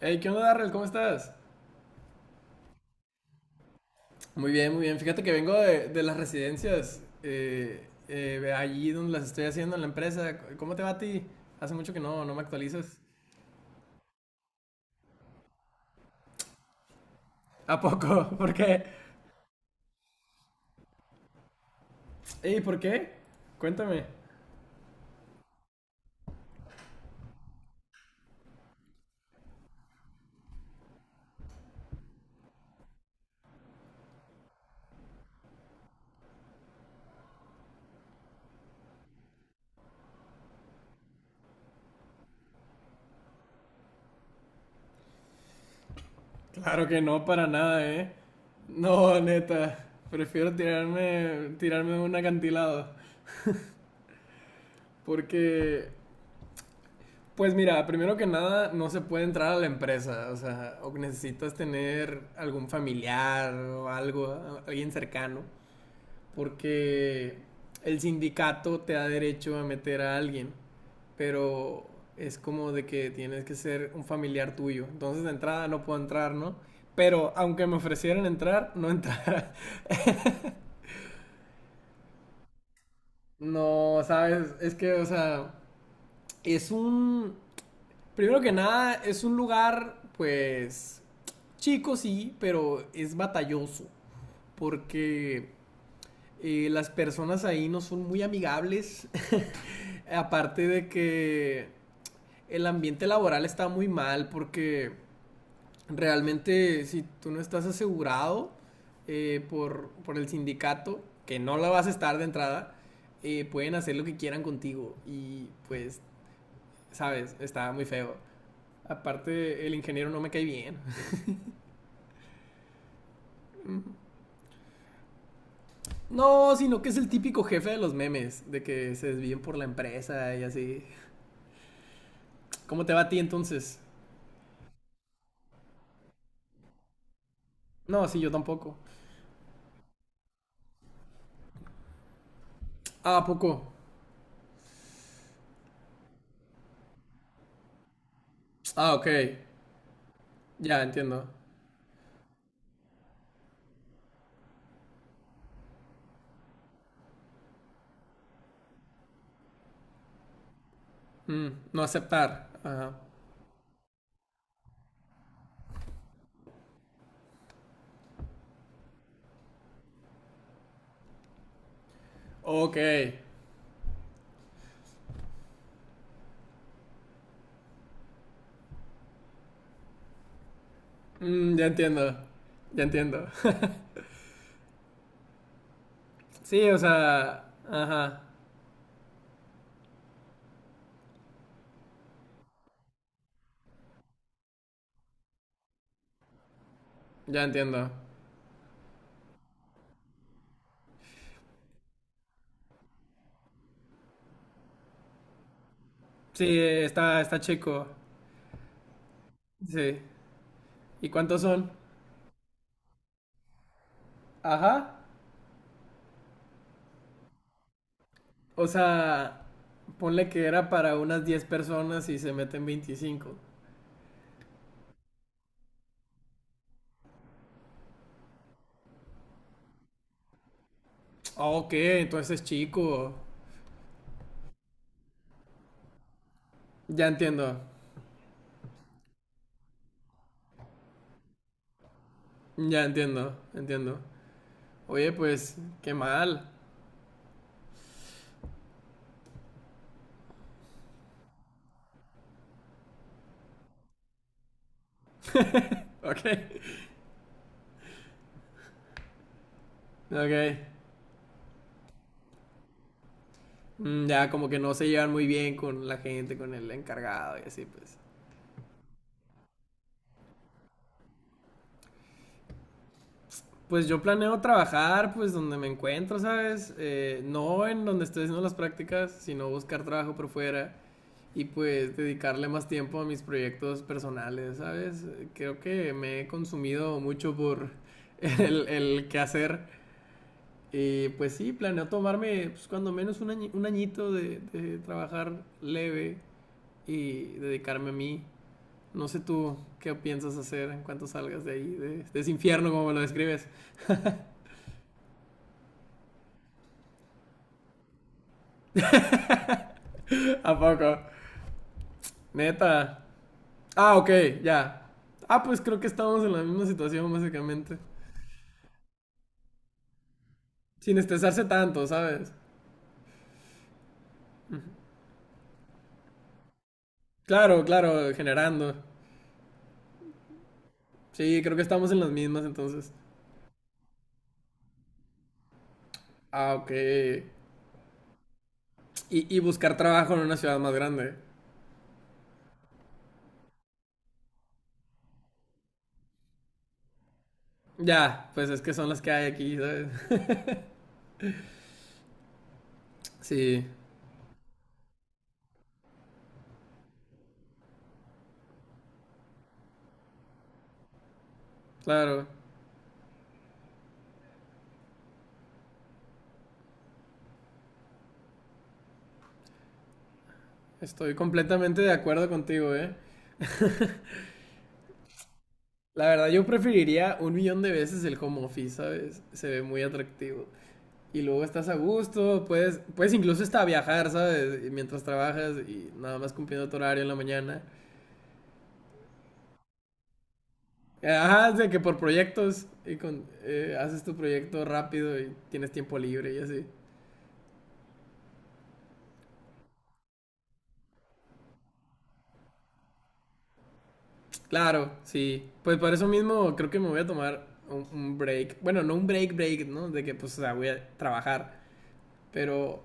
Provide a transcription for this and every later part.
Hey, ¿qué onda, Darrell? ¿Cómo estás? Muy bien, muy bien. Fíjate que vengo de las residencias, allí donde las estoy haciendo en la empresa. ¿Cómo te va a ti? Hace mucho que no me actualizas. ¿A poco? ¿Por qué? Ey, ¿por qué? Cuéntame. Claro que no, para nada, ¿eh? No, neta. Prefiero tirarme de un acantilado. Porque Pues mira, primero que nada, no se puede entrar a la empresa, o sea, o necesitas tener algún familiar o algo, alguien cercano, porque el sindicato te da derecho a meter a alguien, pero es como de que tienes que ser un familiar tuyo. Entonces de entrada no puedo entrar, ¿no? Pero aunque me ofrecieran entrar, no entrara. No, sabes, es que, o sea, es un primero que nada, es un lugar, pues, chico sí, pero es batalloso, porque las personas ahí no son muy amigables, aparte de que el ambiente laboral está muy mal, porque realmente si tú no estás asegurado, por el sindicato, que no la vas a estar de entrada, pueden hacer lo que quieran contigo y pues, sabes, está muy feo. Aparte, el ingeniero no me cae bien. No, sino que es el típico jefe de los memes, de que se desvíen por la empresa y así. ¿Cómo te va a ti entonces? No, sí, yo tampoco. Ah, ¿a poco? Ah, ok. Ya entiendo. Mm, no aceptar. Ajá. Ok. Mm, ya entiendo. Ya entiendo. Sí, o sea, ajá. Ya entiendo. Sí, está, está chico. Sí. ¿Y cuántos son? Ajá. O sea, ponle que era para unas 10 personas y se meten 25. Ah, ok, entonces es chico. Ya entiendo. Ya entiendo, entiendo. Oye, pues, qué mal. Ok, ok. Mm, ya como que no se llevan muy bien con la gente, con el encargado y así, pues. Pues yo planeo trabajar, pues, donde me encuentro, ¿sabes? No en donde estoy haciendo las prácticas, sino buscar trabajo por fuera y pues dedicarle más tiempo a mis proyectos personales, ¿sabes? Creo que me he consumido mucho por el quehacer. Y pues sí, planeo tomarme pues, cuando menos un, un añito de trabajar leve y dedicarme a mí. No sé tú qué piensas hacer en cuanto salgas de ahí, de ese infierno como me lo describes. ¿A poco? Neta. Ah, ok, ya. Ah, pues creo que estamos en la misma situación básicamente. Sin estresarse tanto, ¿sabes? Claro, claro, generando. Sí, creo que estamos en las mismas entonces. Ah, ok. Y buscar trabajo en una ciudad más grande. Ya, pues es que son las que hay aquí, ¿sabes? Sí, claro. Estoy completamente de acuerdo contigo, ¿eh? La verdad, yo preferiría un millón de veces el home office, ¿sabes? Se ve muy atractivo. Y luego estás a gusto, puedes incluso hasta viajar, ¿sabes? Y mientras trabajas y nada más cumpliendo tu horario en la mañana. Ajá, o sea que por proyectos y con, haces tu proyecto rápido y tienes tiempo libre y así. Claro, sí. Pues por eso mismo creo que me voy a tomar un break. Bueno, no un break, break, ¿no? De que pues, o sea, voy a trabajar. Pero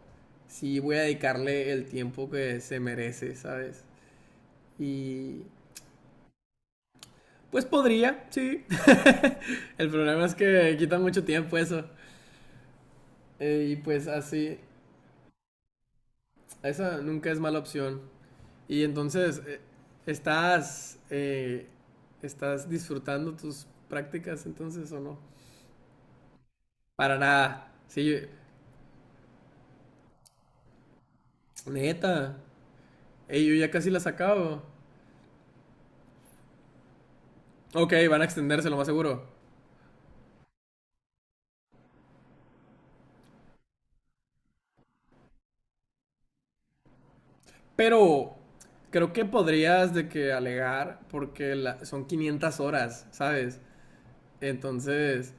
sí voy a dedicarle el tiempo que se merece, ¿sabes? Y pues podría, sí. El problema es que quita mucho tiempo eso. Y pues así, esa nunca es mala opción. Y entonces, ¿estás, eh, ¿estás disfrutando tus prácticas entonces o no? Para nada. Sí, neta. Ey, yo ya casi la sacaba. Ok, van a extenderse lo más seguro. Pero creo que podrías de que alegar porque son 500 horas, ¿sabes? Entonces,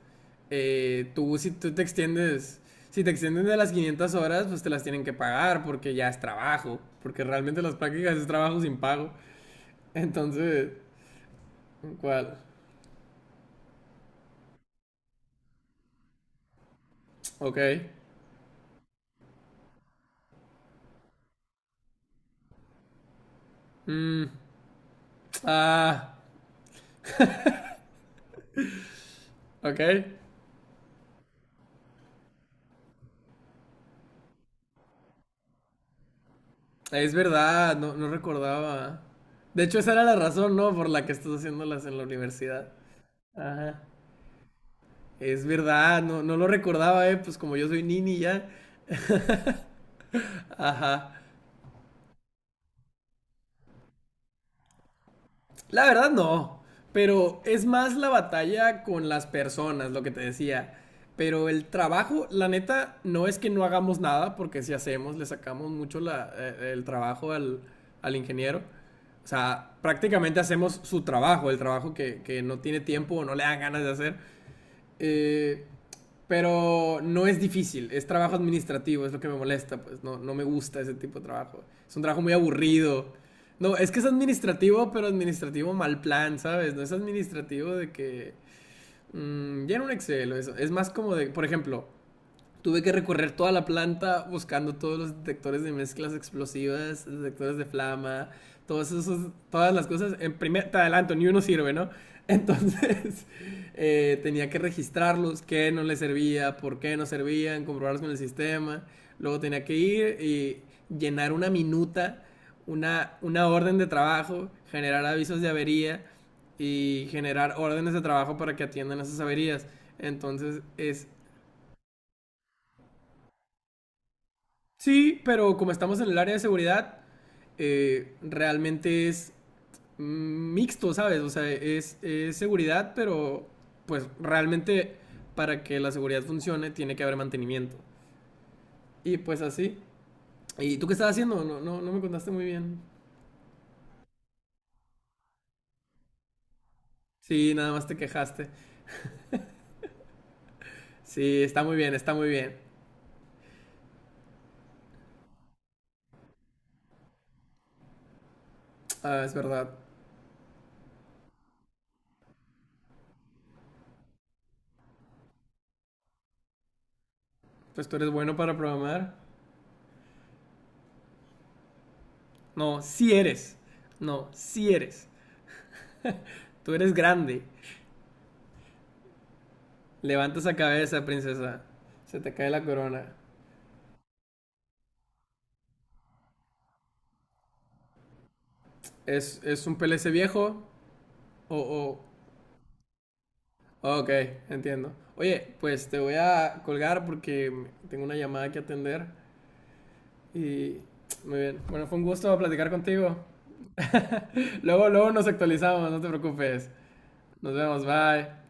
tú si tú te extiendes, si te extienden de las 500 horas, pues te las tienen que pagar porque ya es trabajo, porque realmente las prácticas es trabajo sin pago. Entonces, ¿cuál? Ok. Mm, ah, ok. Es verdad, no, no recordaba. De hecho, esa era la razón, ¿no? Por la que estás haciéndolas en la universidad. Ajá. Es verdad, no, no lo recordaba, ¿eh? Pues como yo soy nini ya. Ajá. La verdad no, pero es más la batalla con las personas, lo que te decía. Pero el trabajo, la neta, no es que no hagamos nada, porque si hacemos, le sacamos mucho el trabajo al ingeniero. O sea, prácticamente hacemos su trabajo, el trabajo que no tiene tiempo o no le dan ganas de hacer. Eh, pero no es difícil, es trabajo administrativo, es lo que me molesta, pues no, no me gusta ese tipo de trabajo. Es un trabajo muy aburrido. No, es que es administrativo, pero administrativo mal plan, ¿sabes? No es administrativo de que llena un Excel o eso. Es más como de, por ejemplo, tuve que recorrer toda la planta buscando todos los detectores de mezclas explosivas, detectores de flama, todos esos, todas las cosas. En primer, te adelanto, ni uno sirve, ¿no? Entonces tenía que registrarlos, qué no les servía, por qué no servían, comprobarlos con el sistema. Luego tenía que ir y llenar una minuta, una orden de trabajo, generar avisos de avería y generar órdenes de trabajo para que atiendan esas averías. Entonces es... Sí, pero como estamos en el área de seguridad, realmente es mm, mixto, ¿sabes? O sea, es seguridad, pero pues realmente para que la seguridad funcione tiene que haber mantenimiento. Y pues así. ¿Y tú qué estás haciendo? No me contaste muy bien. Sí, nada más te quejaste. Sí, está muy bien, está muy bien. Ah, es verdad. Pues tú eres bueno para programar. No, sí eres. No, sí eres. Tú eres grande. Levanta esa cabeza, princesa. Se te cae la corona. Es un PLC viejo? O, oh, ok, entiendo. Oye, pues te voy a colgar porque tengo una llamada que atender. Y muy bien. Bueno, fue un gusto platicar contigo. Luego, luego nos actualizamos, no te preocupes. Nos vemos, bye.